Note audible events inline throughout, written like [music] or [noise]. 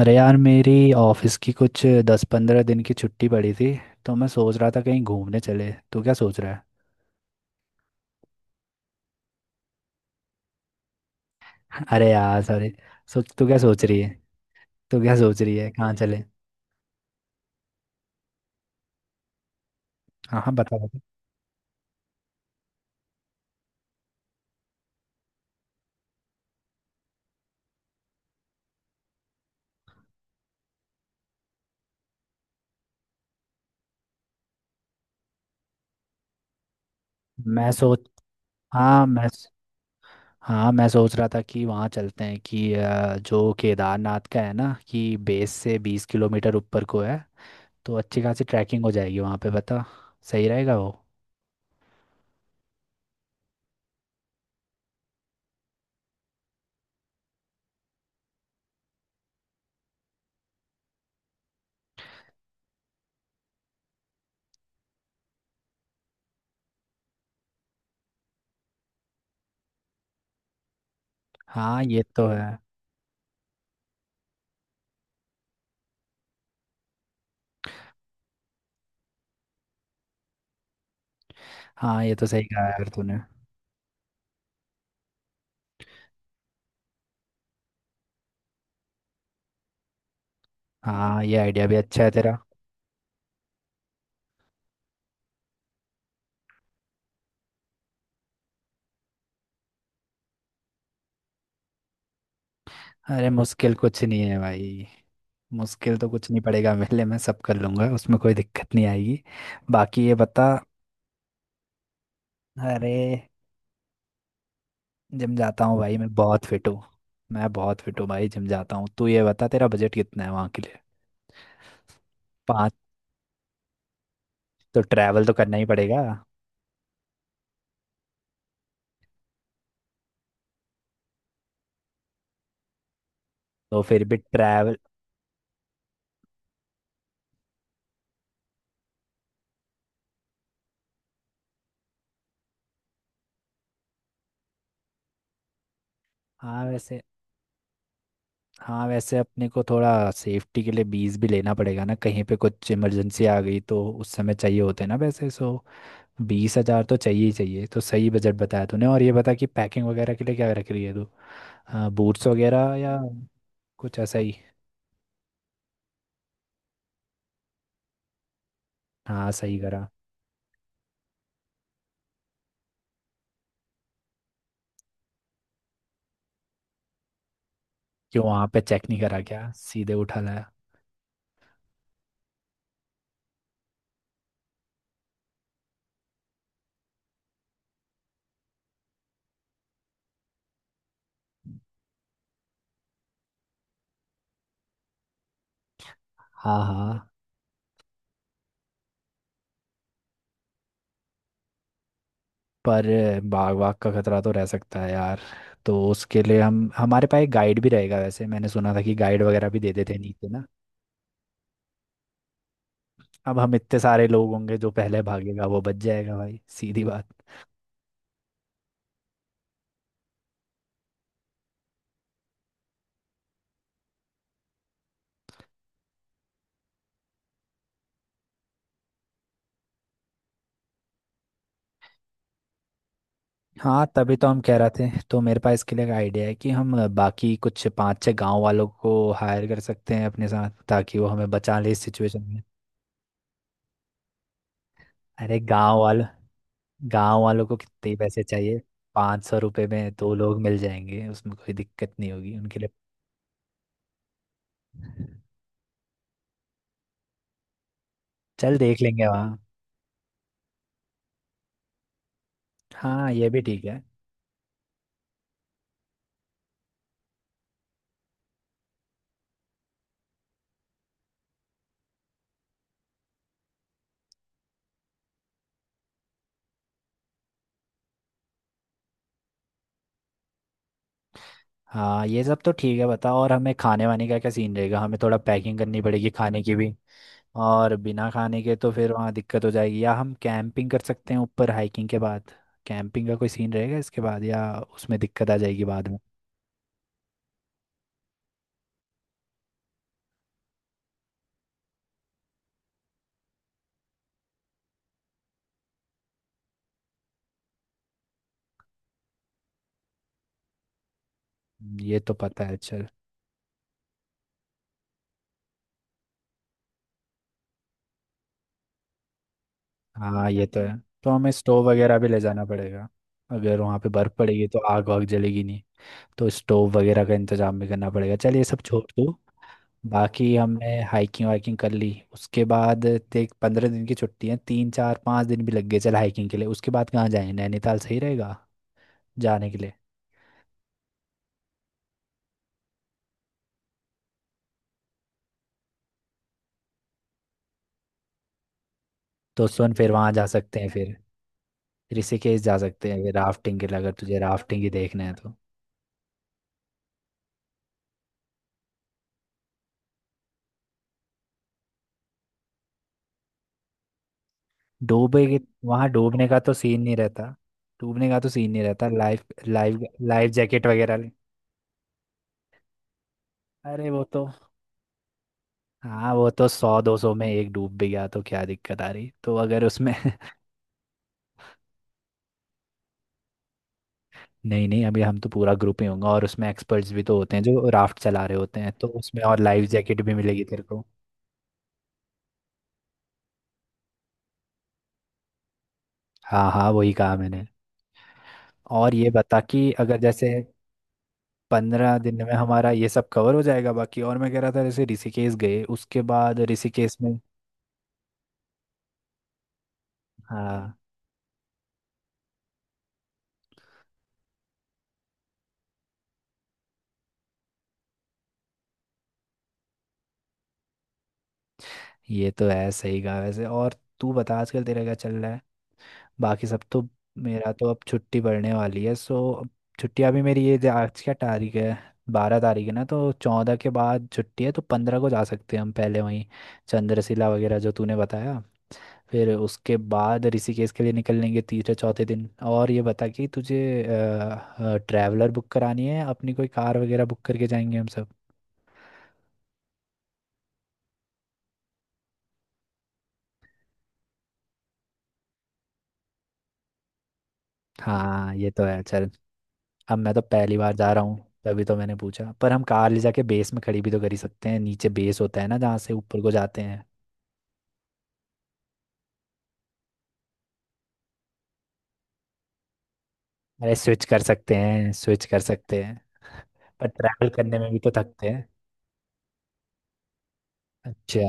अरे यार, मेरी ऑफिस की कुछ 10-15 दिन की छुट्टी पड़ी थी। तो मैं सोच रहा था कहीं घूमने चले, तू क्या सोच रहा है? [laughs] अरे यार सॉरी। तू क्या सोच रही है? तू क्या सोच रही है, कहाँ चले? हाँ हाँ, बता बता। मैं सोच हाँ मैं हाँ, मैं सोच रहा था कि वहाँ चलते हैं कि जो केदारनाथ का है ना, कि बेस से 20 किलोमीटर ऊपर को है। तो अच्छी खासी ट्रैकिंग हो जाएगी वहाँ पे। बता, सही रहेगा वो? हाँ, ये तो है। हाँ, ये तो सही कहा यार तूने। हाँ, ये आइडिया भी अच्छा है तेरा। अरे मुश्किल कुछ नहीं है भाई। मुश्किल तो कुछ नहीं पड़ेगा मेरे लिए, मैं सब कर लूंगा, उसमें कोई दिक्कत नहीं आएगी। बाकी ये बता। अरे जिम जाता हूँ भाई, मैं बहुत फिट हूँ। मैं बहुत फिट हूँ भाई, जिम जाता हूँ। तू ये बता, तेरा बजट कितना है वहाँ के लिए? पाँच। तो ट्रैवल तो करना ही पड़ेगा। तो फिर भी ट्रैवल। हाँ वैसे हाँ वैसे अपने को थोड़ा सेफ्टी के लिए 20 भी लेना पड़ेगा ना, कहीं पे कुछ इमरजेंसी आ गई तो उस समय चाहिए होते हैं ना वैसे। 20,000 तो चाहिए ही चाहिए। तो सही बजट बताया तूने। और ये बता कि पैकिंग वगैरह के लिए क्या रख रही है तू? बूट्स वगैरह या कुछ ऐसा ही? हाँ सही करा। क्यों वहाँ पे चेक नहीं करा क्या, सीधे उठा लाया? हाँ हाँ, पर बाग वाग का खतरा तो रह सकता है यार। तो उसके लिए हम, हमारे पास एक गाइड भी रहेगा। वैसे मैंने सुना था कि गाइड वगैरह भी दे देते हैं नीचे ना। अब हम इतने सारे लोग होंगे, जो पहले भागेगा वो बच जाएगा भाई, सीधी बात। हाँ तभी तो हम कह रहे थे। तो मेरे पास इसके लिए एक आइडिया है कि हम बाकी कुछ पांच छह गांव वालों को हायर कर सकते हैं अपने साथ, ताकि वो हमें बचा ले इस सिचुएशन में। अरे गांव वाल गांव वालों को कितने ही पैसे चाहिए। ₹500 में दो लोग मिल जाएंगे, उसमें कोई दिक्कत नहीं होगी उनके लिए। चल देख लेंगे वहाँ। हाँ, ये भी ठीक है। हाँ ये सब तो ठीक है, बताओ। और हमें खाने वाने का क्या सीन रहेगा? हमें थोड़ा पैकिंग करनी पड़ेगी खाने की भी। और बिना खाने के तो फिर वहाँ दिक्कत हो जाएगी। या हम कैंपिंग कर सकते हैं ऊपर हाइकिंग के बाद? कैंपिंग का कोई सीन रहेगा इसके बाद या उसमें दिक्कत आ जाएगी बाद में? ये तो पता है चल। हाँ ये तो है, तो हमें स्टोव वगैरह भी ले जाना पड़ेगा। अगर वहाँ पे बर्फ़ पड़ेगी तो आग वाग जलेगी नहीं, तो स्टोव वगैरह का इंतजाम भी करना पड़ेगा। चल ये सब छोड़ दो। बाकी हमने हाइकिंग वाइकिंग कर ली उसके बाद, देख 15 दिन की छुट्टी है, तीन चार पाँच दिन भी लग गए चल हाइकिंग के लिए, उसके बाद कहाँ जाएं? नैनीताल सही रहेगा जाने के लिए? तो सुन फिर वहां जा सकते हैं, फिर ऋषिकेश जा सकते हैं फिर राफ्टिंग के लिए, अगर तुझे राफ्टिंग ही देखना है तो। डूबे के वहां डूबने का तो सीन नहीं रहता। डूबने का तो सीन नहीं रहता। लाइफ लाइफ लाइफ जैकेट वगैरह ले। अरे वो तो, हाँ वो तो 100 दो 100 में एक डूब भी गया तो क्या दिक्कत आ रही, तो अगर उसमें [laughs] नहीं नहीं, अभी हम तो पूरा ग्रुप ही होंगे और उसमें एक्सपर्ट्स भी तो होते हैं जो राफ्ट चला रहे होते हैं, तो उसमें और लाइफ जैकेट भी मिलेगी तेरे को। हाँ हाँ, वही कहा मैंने। और ये बता कि अगर जैसे 15 दिन में हमारा ये सब कवर हो जाएगा बाकी, और मैं कह रहा था जैसे ऋषिकेश गए उसके बाद ऋषिकेश में। हाँ ये तो है, सही कहा वैसे। और तू बता, आजकल तेरा क्या चल रहा है? बाकी सब तो। मेरा तो अब छुट्टी पड़ने वाली है, अब छुट्टियाँ भी मेरी, ये जो आज क्या तारीख है, 12 तारीख है ना, तो 14 के बाद छुट्टी है, तो 15 को जा सकते हैं हम पहले वहीं चंद्रशिला वगैरह, जो तूने बताया। फिर उसके बाद ऋषिकेश के लिए निकलेंगे तीसरे चौथे दिन। और ये बता कि तुझे ट्रैवलर बुक करानी है अपनी, कोई कार वगैरह बुक करके जाएंगे हम सब? हाँ ये तो है चल। अब मैं तो पहली बार जा रहा हूँ, तभी तो मैंने पूछा। पर हम कार ले जाके बेस में खड़ी भी तो कर ही सकते हैं, नीचे बेस होता है ना जहाँ से ऊपर को जाते हैं। अरे स्विच कर सकते हैं, स्विच कर सकते हैं। पर ट्रैवल करने में भी तो थकते हैं। अच्छा।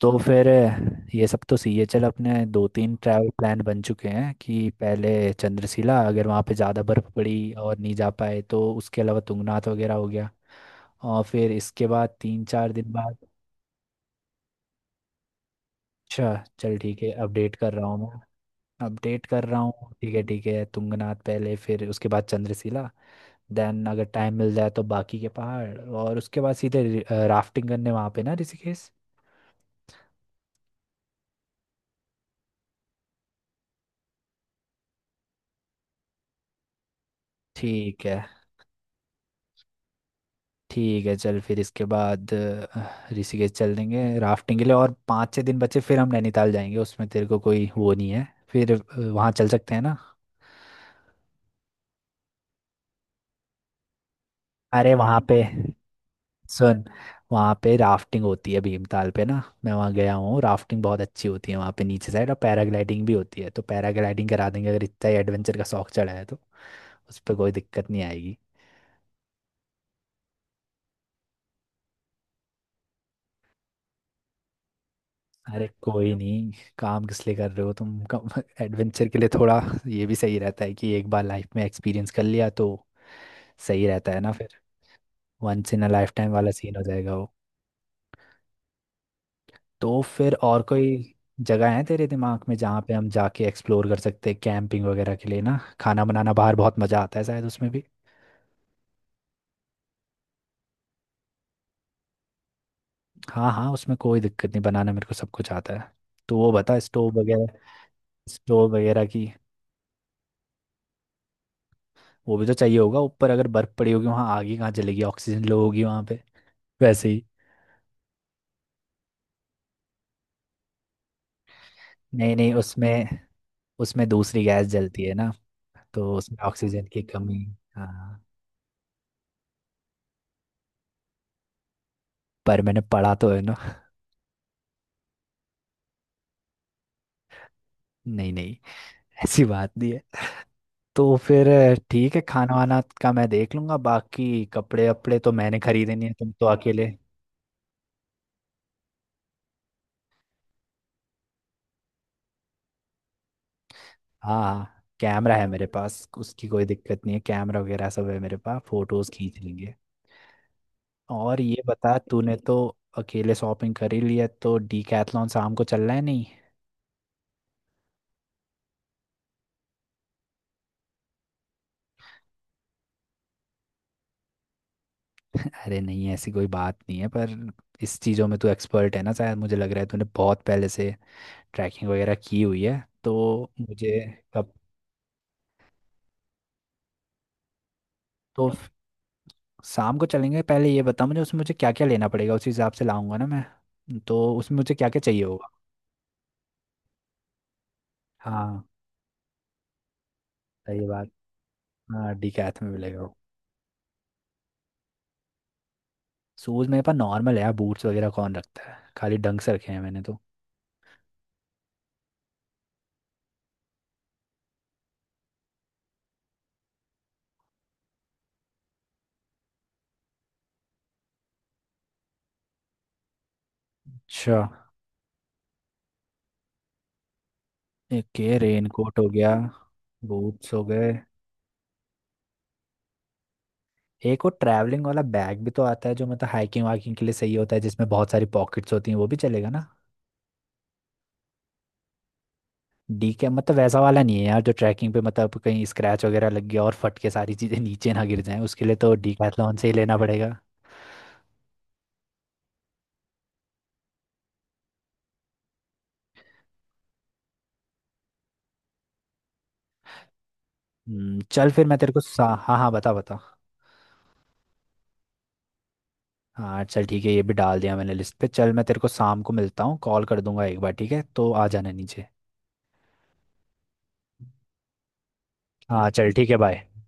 तो फिर ये सब तो सीए। चल अपने दो तीन ट्रैवल प्लान बन चुके हैं कि पहले चंद्रशिला, अगर वहाँ पे ज़्यादा बर्फ़ पड़ी और नहीं जा पाए तो उसके अलावा तुंगनाथ वगैरह हो गया। और फिर इसके बाद तीन चार दिन बाद। अच्छा चल ठीक है, अपडेट कर रहा हूँ मैं। अपडेट कर रहा हूँ, ठीक है ठीक है, तुंगनाथ पहले फिर उसके बाद चंद्रशिला। देन अगर टाइम मिल जाए तो बाकी के पहाड़, और उसके बाद सीधे राफ्टिंग करने वहाँ पे ना, ऋषिकेश। ठीक है ठीक है। चल फिर इसके बाद ऋषिकेश चल देंगे राफ्टिंग के लिए, और 5-6 दिन बचे फिर हम नैनीताल जाएंगे। उसमें तेरे को कोई वो नहीं है फिर वहाँ चल सकते हैं ना? अरे वहाँ पे सुन, वहाँ पे राफ्टिंग होती है भीमताल पे ना, मैं वहाँ गया हूँ, राफ्टिंग बहुत अच्छी होती है वहाँ पे नीचे साइड। और पैराग्लाइडिंग भी होती है, तो पैराग्लाइडिंग करा देंगे अगर इतना ही एडवेंचर का शौक चढ़ा है तो। उस पर कोई दिक्कत नहीं आएगी। अरे कोई नहीं, काम किस लिए कर रहे हो तुम, कम एडवेंचर के लिए थोड़ा। ये भी सही रहता है कि एक बार लाइफ में एक्सपीरियंस कर लिया तो सही रहता है ना फिर। Once in a lifetime वाला सीन हो जाएगा वो। तो फिर और कोई जगह है तेरे दिमाग में जहाँ पे हम जाके एक्सप्लोर कर सकते हैं कैंपिंग वगैरह के लिए ना, खाना बनाना बाहर बहुत मज़ा आता है शायद उसमें भी। हाँ हाँ, उसमें कोई दिक्कत नहीं, बनाना मेरे को सब कुछ आता है। तो वो बता स्टोव वगैरह। स्टोव वगैरह की, वो भी तो चाहिए होगा ऊपर, अगर बर्फ़ पड़ी होगी वहाँ आग ही कहाँ जलेगी, ऑक्सीजन लो होगी वहाँ पे वैसे ही। नहीं नहीं उसमें उसमें दूसरी गैस जलती है ना, तो उसमें ऑक्सीजन की कमी। हाँ पर मैंने पढ़ा तो है ना। [laughs] नहीं नहीं, ऐसी बात नहीं है। तो फिर ठीक है, खाना वाना का मैं देख लूंगा। बाकी कपड़े वपड़े तो मैंने खरीदे नहीं है, तुम तो अकेले। हाँ कैमरा है मेरे पास, उसकी कोई दिक्कत नहीं है, कैमरा वगैरह सब है मेरे पास, फोटोज खींच लेंगे। और ये बता, तूने तो अकेले शॉपिंग कर ही लिया, तो डीकैथलॉन शाम को चलना है नहीं? अरे नहीं, ऐसी कोई बात नहीं है। पर इस चीज़ों में तू एक्सपर्ट है ना शायद, मुझे लग रहा है तूने बहुत पहले से ट्रैकिंग वगैरह की हुई है तो। मुझे कब? तो फ- शाम को चलेंगे। पहले ये बता मुझे उसमें, मुझे क्या क्या लेना पड़ेगा, उस हिसाब से लाऊंगा ना मैं तो। उसमें मुझे क्या क्या चाहिए होगा? हाँ सही बात, हाँ डीकैथ में मिलेगा वो। शूज़ मेरे पास नॉर्मल है यार, बूट्स वगैरह कौन रखता है, खाली डंक्स रखे हैं मैंने तो। अच्छा, एक ये रेन कोट हो गया, बूट्स हो गए। एक वो ट्रैवलिंग वाला बैग भी तो आता है, जो मतलब हाइकिंग वाकिंग के लिए सही होता है, जिसमें बहुत सारी पॉकेट्स होती हैं, वो भी चलेगा ना? डी के, मतलब वैसा वाला नहीं है यार जो ट्रैकिंग पे, मतलब कहीं स्क्रैच वगैरह लग गया और फट के सारी चीज़ें [laughs] नीचे ना गिर जाएं, उसके लिए तो डीकैथलॉन से ही लेना पड़ेगा। चल फिर मैं तेरे को हाँ हाँ बता बता। हाँ चल ठीक है, ये भी डाल दिया मैंने लिस्ट पे। चल मैं तेरे को शाम को मिलता हूँ, कॉल कर दूंगा एक बार, ठीक है? तो आ जाना नीचे। हाँ चल ठीक है, बाय।